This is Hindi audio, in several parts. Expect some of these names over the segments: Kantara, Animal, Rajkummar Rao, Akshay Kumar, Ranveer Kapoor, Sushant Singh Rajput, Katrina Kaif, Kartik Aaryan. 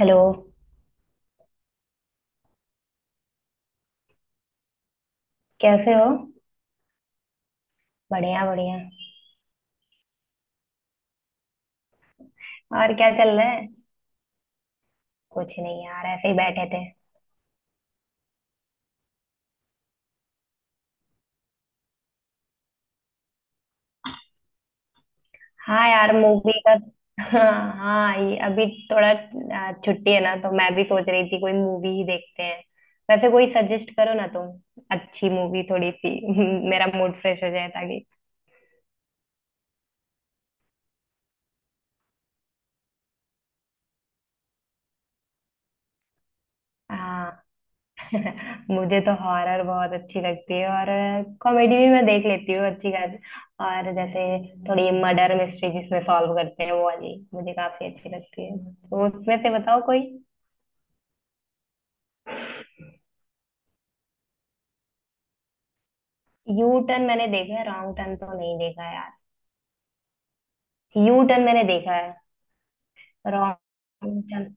हेलो। कैसे हो। बढ़िया बढ़िया। और क्या चल रहा है। कुछ नहीं यार, ऐसे ही बैठे थे। हाँ यार, मूवी का हाँ हाँ ये अभी थोड़ा छुट्टी है ना, तो मैं भी सोच रही थी कोई मूवी ही देखते हैं। वैसे कोई सजेस्ट करो ना तुम, अच्छी मूवी थोड़ी सी मेरा मूड फ्रेश हो जाए ताकि। हाँ, मुझे तो हॉरर बहुत अच्छी लगती है, और कॉमेडी भी मैं देख लेती हूँ अच्छी खासी। और जैसे थोड़ी मर्डर मिस्ट्री, जिसमें सॉल्व करते हैं वो वाली, मुझे काफी अच्छी लगती है। तो उसमें से बताओ कोई। यू टर्न मैंने देखा है, रॉन्ग टर्न तो नहीं देखा है यार। यू टर्न मैंने देखा है, रॉन्ग टर्न।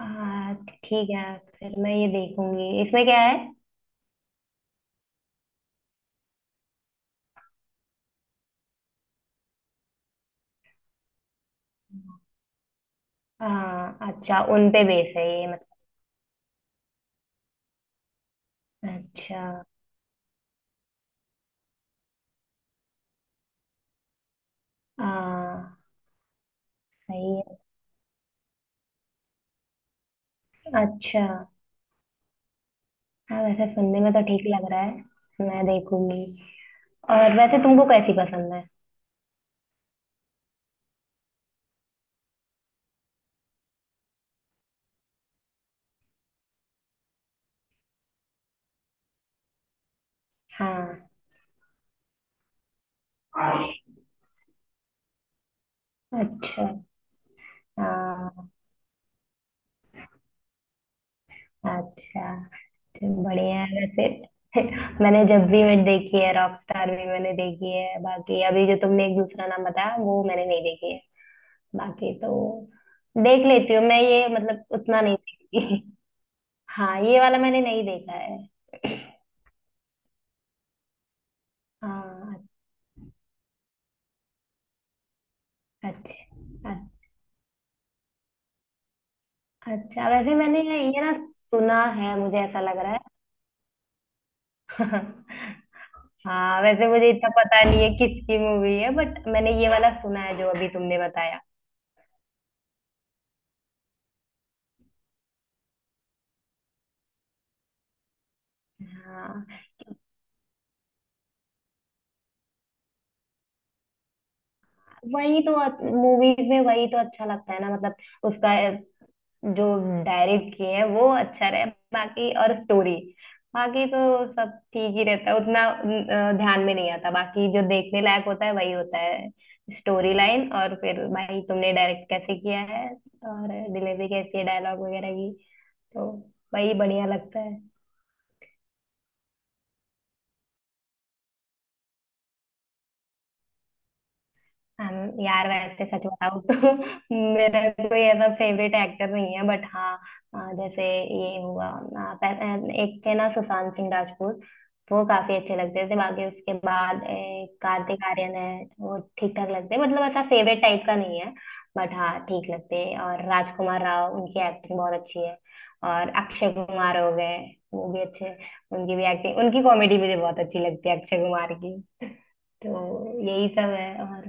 हाँ ठीक है, फिर मैं ये देखूंगी। इसमें क्या है। हाँ अच्छा, उन पे बेस है ये मतलब। अच्छा। हाँ सही है। अच्छा। हाँ वैसे सुनने में तो ठीक लग रहा है, मैं देखूंगी। और वैसे तुमको कैसी पसंद है। हाँ। अच्छा। हाँ अच्छा, तो बढ़िया है वैसे। मैंने जब भी वेट देखी है, रॉकस्टार भी मैंने देखी है, बाकी अभी जो तुमने एक दूसरा नाम बताया वो मैंने नहीं देखी है। बाकी तो देख लेती हूँ मैं ये, मतलब उतना नहीं देखती। हाँ ये वाला मैंने नहीं देखा है। हाँ। अच्छा अच्छा अच्छा। वैसे मैंने ये ना सुना है, मुझे ऐसा लग रहा है। हाँ वैसे मुझे इतना पता नहीं है किसकी मूवी है, बट मैंने ये वाला सुना है जो अभी तुमने बताया। हाँ वही तो, मूवीज में वही तो अच्छा लगता है ना मतलब, उसका जो डायरेक्ट किए हैं वो अच्छा रहे। बाकी और स्टोरी, बाकी तो सब ठीक ही रहता है, उतना ध्यान में नहीं आता। बाकी जो देखने लायक होता है वही होता है, स्टोरी लाइन, और फिर भाई तुमने डायरेक्ट कैसे किया है, और डिलीवरी कैसी है डायलॉग वगैरह की, तो वही बढ़िया लगता है। हम यार, वैसे सच बताऊं तो मेरा कोई ऐसा फेवरेट एक्टर नहीं है, बट हाँ जैसे ये हुआ एक थे ना सुशांत सिंह राजपूत, वो काफी अच्छे लगते थे। बाकी उसके बाद कार्तिक आर्यन है, वो ठीक ठाक लगते हैं, मतलब ऐसा फेवरेट टाइप का नहीं है, बट हाँ ठीक लगते हैं। और राजकुमार राव, उनकी एक्टिंग बहुत अच्छी है। और अक्षय कुमार हो गए, वो भी अच्छे हैं। उनकी भी एक्टिंग, उनकी कॉमेडी मुझे बहुत अच्छी लगती है, अक्षय कुमार। तो यही सब है और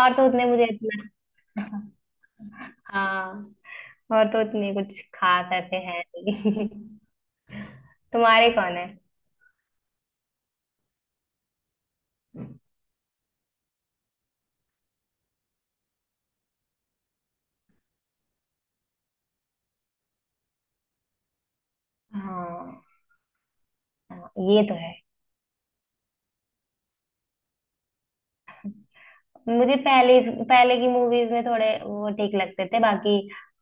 और तो उतने मुझे इतना हाँ, और तो उतने कुछ खास ऐसे हैं नहीं। तुम्हारे कौन है। हाँ। हाँ, ये तो है। मुझे पहले पहले की मूवीज में थोड़े वो ठीक लगते थे, बाकी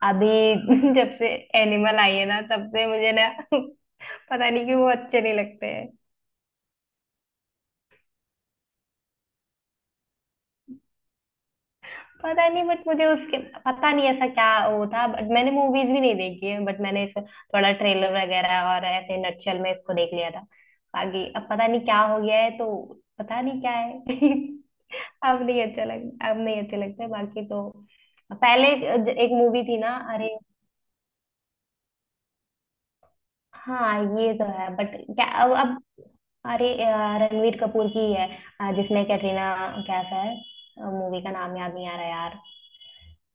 अभी जब से एनिमल आई है ना, तब से मुझे ना पता नहीं क्यों वो अच्छे नहीं लगते। पता नहीं, बट मुझे उसके, पता नहीं ऐसा क्या वो था। बट मैंने मूवीज भी नहीं देखी है, बट मैंने इस थोड़ा ट्रेलर वगैरह और ऐसे नटशल में इसको देख लिया था, बाकी अब पता नहीं क्या हो गया है तो। पता नहीं क्या है अब नहीं अच्छा लग, अब नहीं अच्छे लगते, बाकी तो पहले एक मूवी थी ना अरे। हाँ ये तो है, बट क्या अब अरे रणवीर कपूर की है, जिसमें कैटरीना कैफ है। मूवी का नाम याद नहीं आ रहा यार।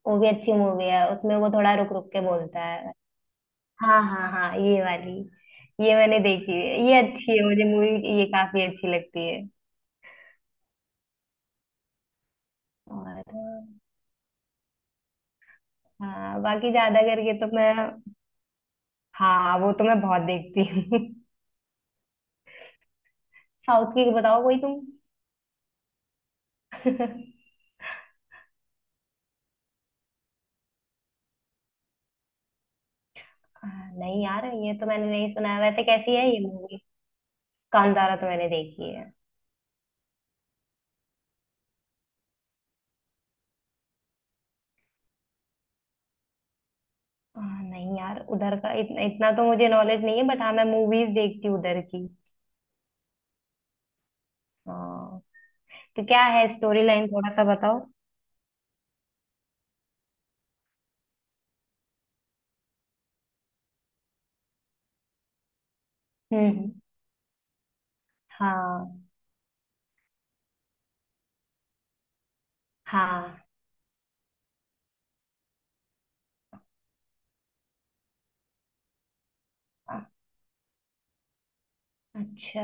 वो भी अच्छी मूवी है, उसमें वो थोड़ा रुक रुक के बोलता है। हाँ हाँ हाँ, ये वाली, ये मैंने देखी है। ये अच्छी है मुझे मूवी, ये काफी अच्छी लगती है। और हाँ, बाकी ज्यादा करके तो मैं, हाँ वो तो मैं बहुत देखती हूँ। साउथ की बताओ कोई तुम। हाँ, नहीं यार ये तो मैंने नहीं सुना है। वैसे कैसी है ये मूवी। कांतारा तो मैंने देखी है। हाँ, नहीं यार उधर का इतना इतना तो मुझे नॉलेज नहीं है, बट हाँ मैं मूवीज देखती हूँ उधर की। हाँ। तो क्या है स्टोरी लाइन, थोड़ा सा बताओ। हम्म। हाँ। हाँ। अच्छा।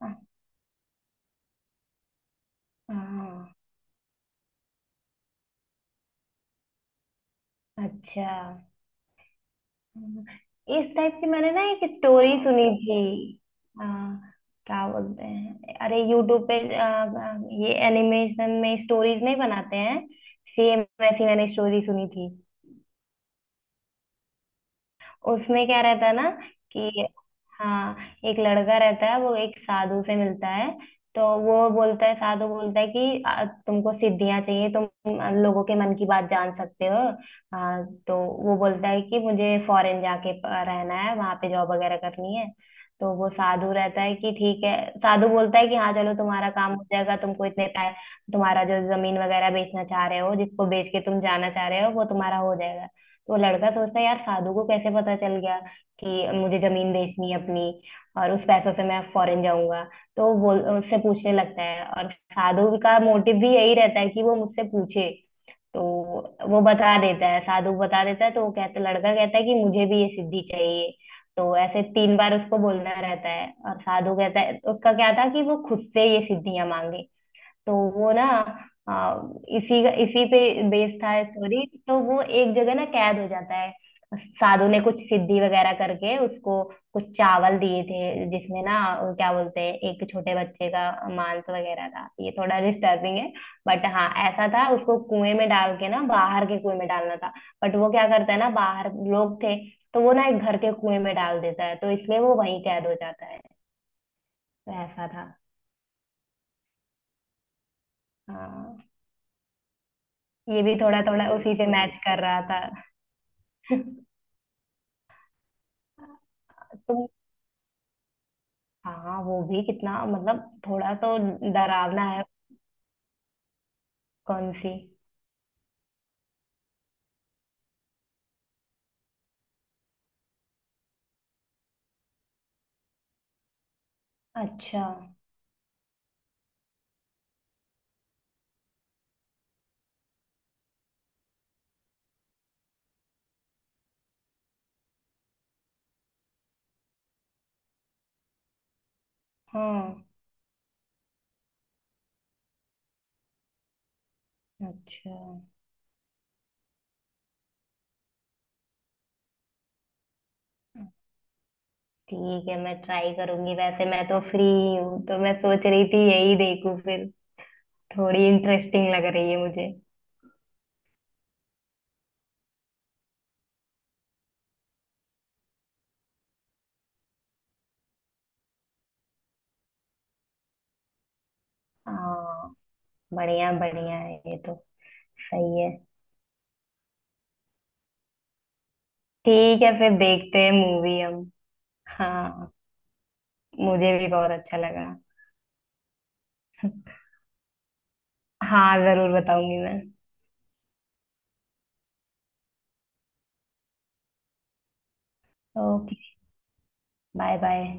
अ- हाँ। अच्छा। हाँ, इस टाइप की मैंने ना एक स्टोरी सुनी थी। हाँ, क्या बोलते हैं अरे, यूट्यूब पे ये एनिमेशन में स्टोरीज नहीं बनाते हैं, सेम वैसी मैंने स्टोरी सुनी थी। उसमें क्या रहता है ना कि, हाँ, एक लड़का रहता है, वो एक साधु से मिलता है। तो वो बोलता है, साधु बोलता है कि तुमको सिद्धियां चाहिए, तुम लोगों के मन की बात जान सकते हो।" हाँ, तो वो बोलता है कि मुझे फॉरेन जाके रहना है, वहां पे जॉब वगैरह करनी है। तो वो साधु रहता है कि ठीक है, साधु बोलता है कि हाँ चलो, तुम्हारा काम हो जाएगा, तुमको इतने पै, तुम्हारा जो जमीन वगैरह बेचना चाह रहे हो, जिसको बेच के तुम जाना चाह रहे हो वो तुम्हारा हो जाएगा। तो लड़का सोचता है यार, साधु को कैसे पता चल गया कि मुझे जमीन बेचनी है अपनी, और उस पैसों से मैं फॉरेन जाऊंगा। तो वो बोल, उससे पूछने लगता है, और साधु का मोटिव भी यही रहता है कि वो मुझसे पूछे। तो वो बता देता है, साधु बता देता है। तो वो कहता, लड़का कहता है कि मुझे भी ये सिद्धि चाहिए। तो ऐसे तीन बार उसको बोलना रहता है, और साधु कहता है, उसका क्या था कि वो खुद से ये सिद्धियां मांगे। तो वो ना आ, इसी इसी पे बेस्ड था स्टोरी। तो वो एक जगह ना कैद हो जाता है, साधु ने कुछ सिद्धि वगैरह करके उसको कुछ चावल दिए थे, जिसमें ना क्या बोलते हैं, एक छोटे बच्चे का मांस वगैरह था। ये थोड़ा डिस्टर्बिंग है, बट हाँ ऐसा था। उसको कुएं में डाल के ना, बाहर के कुएं में डालना था, बट वो क्या करता है ना, बाहर लोग थे तो वो ना एक घर के कुएं में डाल देता है, तो इसलिए वो वहीं कैद हो जाता है। तो ऐसा था। हाँ। ये भी थोड़ा थोड़ा उसी से मैच कर रहा था। तुम, हाँ वो भी कितना, मतलब थोड़ा तो डरावना है। कौन सी। अच्छा। हाँ अच्छा। ठीक है, मैं ट्राई करूंगी। वैसे मैं तो फ्री ही हूँ, तो मैं सोच रही थी यही देखूं फिर। थोड़ी इंटरेस्टिंग लग रही है मुझे। हाँ बढ़िया बढ़िया है ये तो, सही है। ठीक है फिर, देखते हैं मूवी हम। हाँ, मुझे भी बहुत अच्छा लगा। हाँ जरूर बताऊंगी मैं। Okay, bye bye.